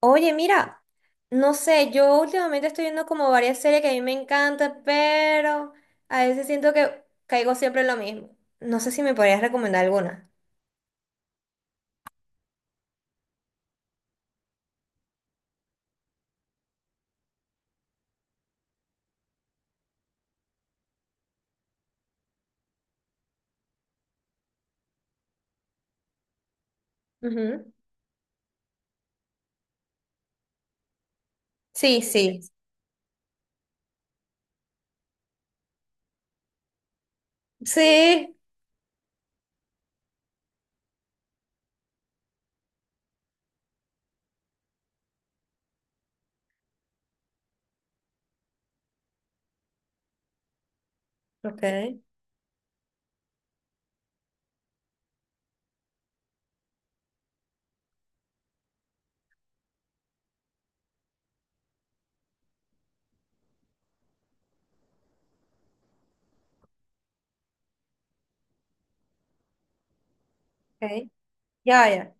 Oye, mira, no sé, yo últimamente estoy viendo como varias series que a mí me encantan, pero a veces siento que caigo siempre en lo mismo. No sé si me podrías recomendar alguna. Ujú. Sí, sí. Sí. Ok, ok. Ya, ya.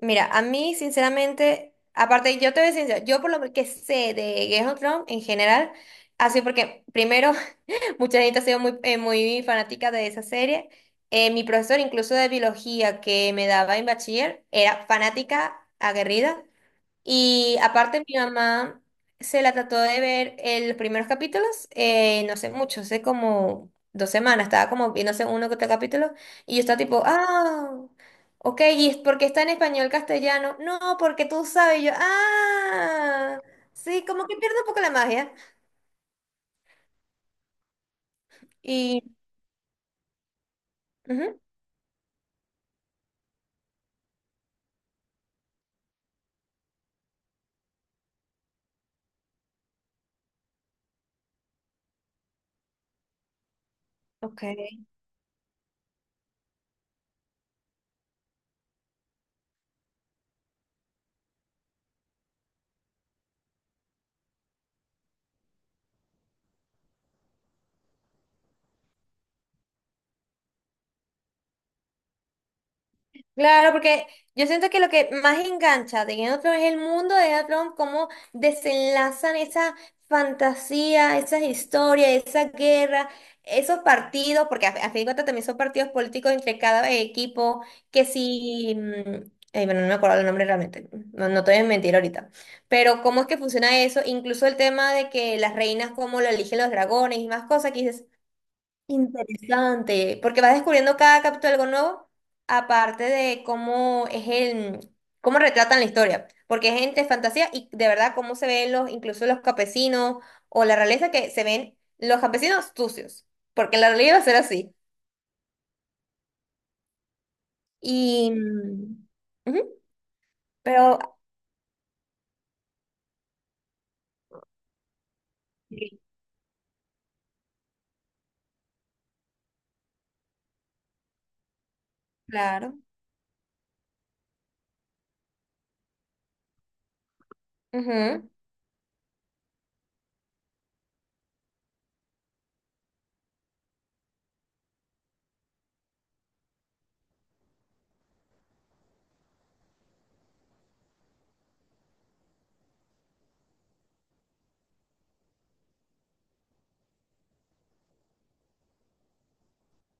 Mira, a mí, sinceramente, aparte, yo te voy a decir, yo por lo que sé de Game of Thrones en general, así porque primero mucha gente ha sido muy, muy fanática de esa serie. Mi profesor, incluso de biología, que me daba en bachiller, era fanática, aguerrida. Y aparte, mi mamá se la trató de ver en los primeros capítulos, no sé mucho, hace como 2 semanas, estaba como no sé, uno que otro capítulo. Y yo estaba tipo, ah, ok, ¿y es porque está en español castellano? No, porque tú sabes. Y yo, ah, sí, como que pierdo un poco la magia. Y, ujú, ok. Claro, porque yo siento que lo que más engancha de Game of Thrones es el mundo de Game of Thrones, cómo desenlazan esa fantasía, esas historias, esa guerra, esos partidos, porque a fin de cuentas también son partidos políticos entre cada equipo, que si, ay, bueno, no me acuerdo el nombre realmente, no, no te voy a mentir ahorita, pero cómo es que funciona eso, incluso el tema de que las reinas, cómo lo eligen los dragones y más cosas, que dices, interesante, porque vas descubriendo cada capítulo algo nuevo, aparte de cómo es el, cómo retratan la historia, porque es entre fantasía y de verdad cómo se ven los, incluso los campesinos o la realeza que se ven los campesinos sucios, porque en la realidad va a ser así. Y, mm, ujú, pero, sí, claro, ujú.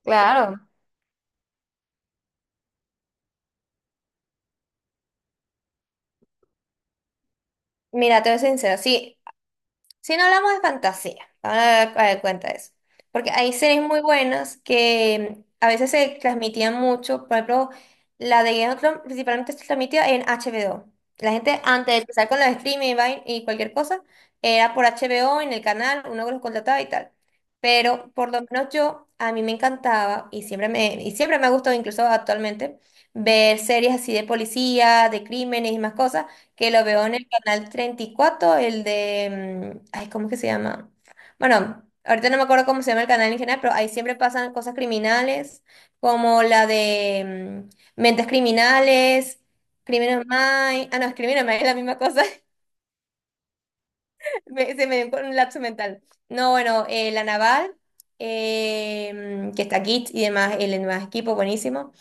Claro. Mira, te voy a ser sincera, sí, si no hablamos de fantasía, vamos a dar cuenta de eso. Porque hay series muy buenas que a veces se transmitían mucho. Por ejemplo, la de Game of Thrones principalmente se transmitía en HBO. La gente antes de empezar con los streaming y y cualquier cosa, era por HBO en el canal, uno que los contrataba y tal. Pero por lo menos yo, a mí me encantaba y siempre me ha gustado, incluso actualmente, ver series así de policía, de crímenes y más cosas que lo veo en el canal 34 el de, ay, ¿cómo es que se llama? Bueno, ahorita no me acuerdo cómo se llama el canal en general, pero ahí siempre pasan cosas criminales, como la de Mentes Criminales, Criminal Minds, ah, no, es Criminal Minds, es la misma cosa. Se me dio un lapso mental. No, bueno, La Naval, que está Git y demás, el demás equipo, buenísimo.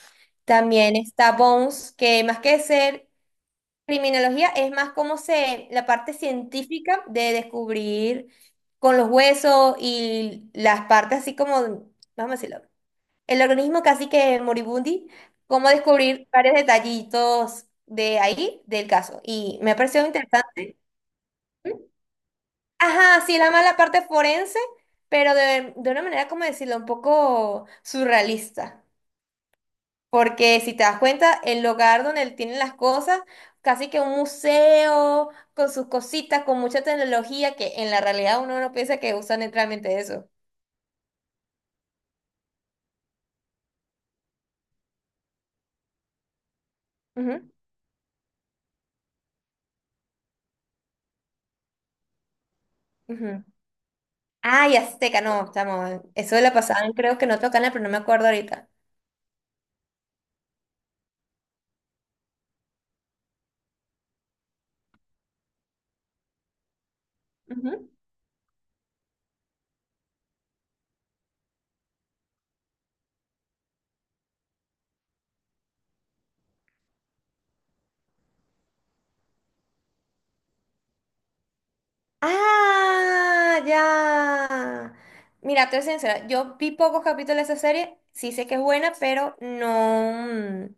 También está Bones, que más que ser criminología es más como se, la parte científica de descubrir con los huesos y las partes así como, vamos a decirlo, el organismo casi que moribundi, cómo descubrir varios detallitos de ahí, del caso. Y me ha parecido interesante. Ajá, sí, la mala parte forense, pero de una manera, como decirlo, un poco surrealista. Porque si te das cuenta, el lugar donde él tiene las cosas, casi que un museo con sus cositas, con mucha tecnología, que en la realidad uno no piensa que usan realmente eso. Ujú, ujú. Ah, y Azteca, no, estamos. Eso de la pasada, creo que no otro canal, pero no me acuerdo ahorita. Ujú. Ah, ya. Mira, te voy a ser sincera, yo vi pocos capítulos de esa serie, sí sé que es buena, pero no. mm,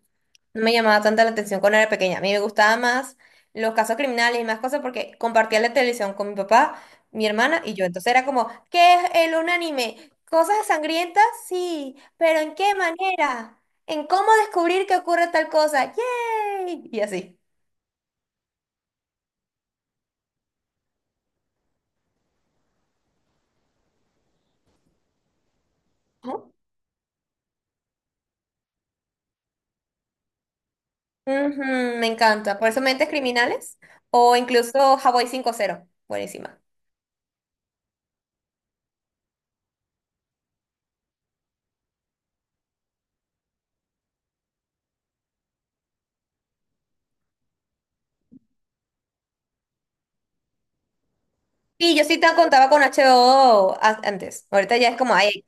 no me llamaba tanta la atención cuando era pequeña. A mí me gustaba más los casos criminales y más cosas porque compartía la televisión con mi papá, mi hermana y yo. Entonces era como, ¿qué es el un anime? ¿Cosas sangrientas? Sí, pero ¿en qué manera? ¿En cómo descubrir que ocurre tal cosa? ¡Yay! Y así. ¿No? Ujú, me encanta. Por eso Mentes Criminales o incluso Hawaii 5-0, buenísima. Sí, yo sí te contaba con HBO antes. Ahorita ya es como ahí.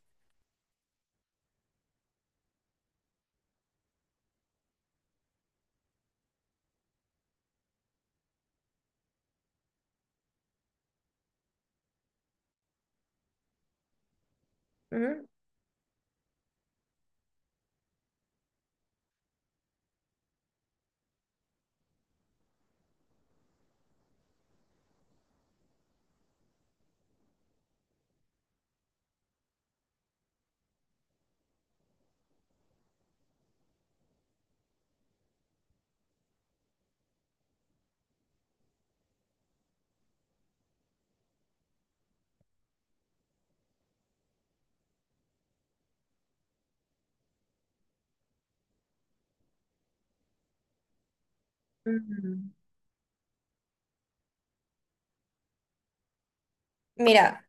Ujú. Ujú. Mira.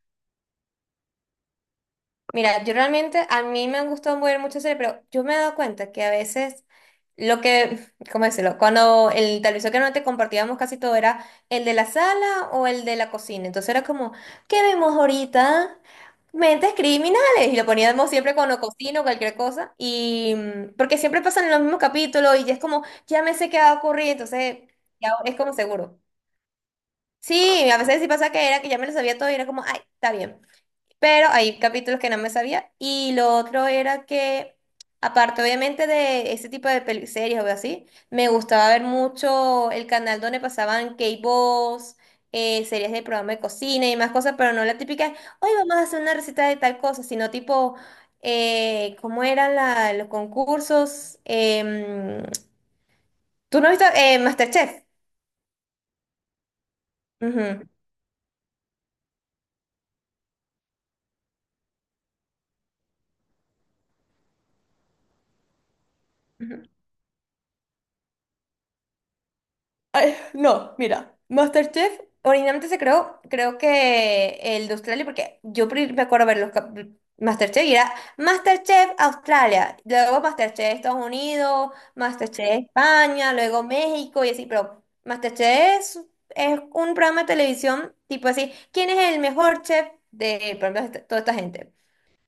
Mira, yo realmente, a mí me han gustado mover mucho series, pero yo me he dado cuenta que a veces lo que, ¿cómo decirlo? Cuando el televisor que no te compartíamos casi todo era el de la sala o el de la cocina. Entonces era como, ¿qué vemos ahorita? Mentes criminales. Y lo poníamos siempre cuando cocino o cualquier cosa. Y porque siempre pasan en los mismos capítulos y ya es como, ya me sé qué va a ocurrir, entonces ya es como seguro. Sí, a veces sí pasa que era que ya me lo sabía todo y era como, ay, está bien, pero hay capítulos que no me sabía. Y lo otro era que, aparte obviamente de ese tipo de series o así, me gustaba ver mucho el canal donde pasaban K-Boss, series de programa de cocina y más cosas, pero no la típica, hoy vamos a hacer una receta de tal cosa, sino tipo, ¿cómo eran los concursos? ¿Tú no has visto MasterChef? Ujú. No, mira, MasterChef originalmente se creó, creo que el de Australia, porque yo me acuerdo ver los Masterchef y era Masterchef Australia, luego Masterchef Estados Unidos, Masterchef España, luego México y así, pero Masterchef es un programa de televisión tipo así, ¿quién es el mejor chef de por ejemplo, toda esta gente?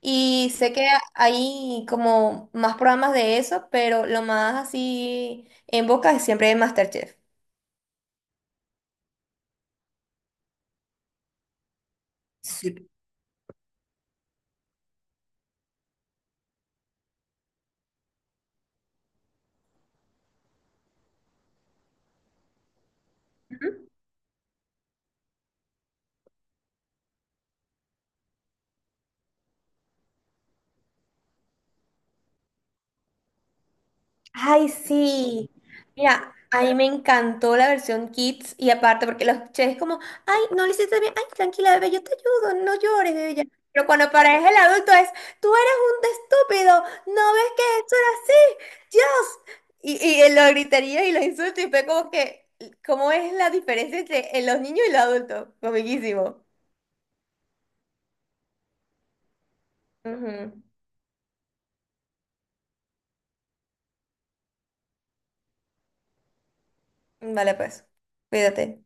Y sé que hay como más programas de eso, pero lo más así en boca es siempre Masterchef. Sí. Ay, sí. Mira, a mí me encantó la versión Kids y aparte porque los escuché como, ay, no lo hiciste bien, ay, tranquila, bebé, yo te ayudo, no llores, bebé. Ya". Pero cuando aparece el adulto es, tú eres un estúpido, no ves que eso era así, Dios. Y él lo gritaría y lo insulta y fue como que, ¿cómo es la diferencia entre los niños y los adultos? Comiquísimo. Ujú. Vale, pues, cuídate.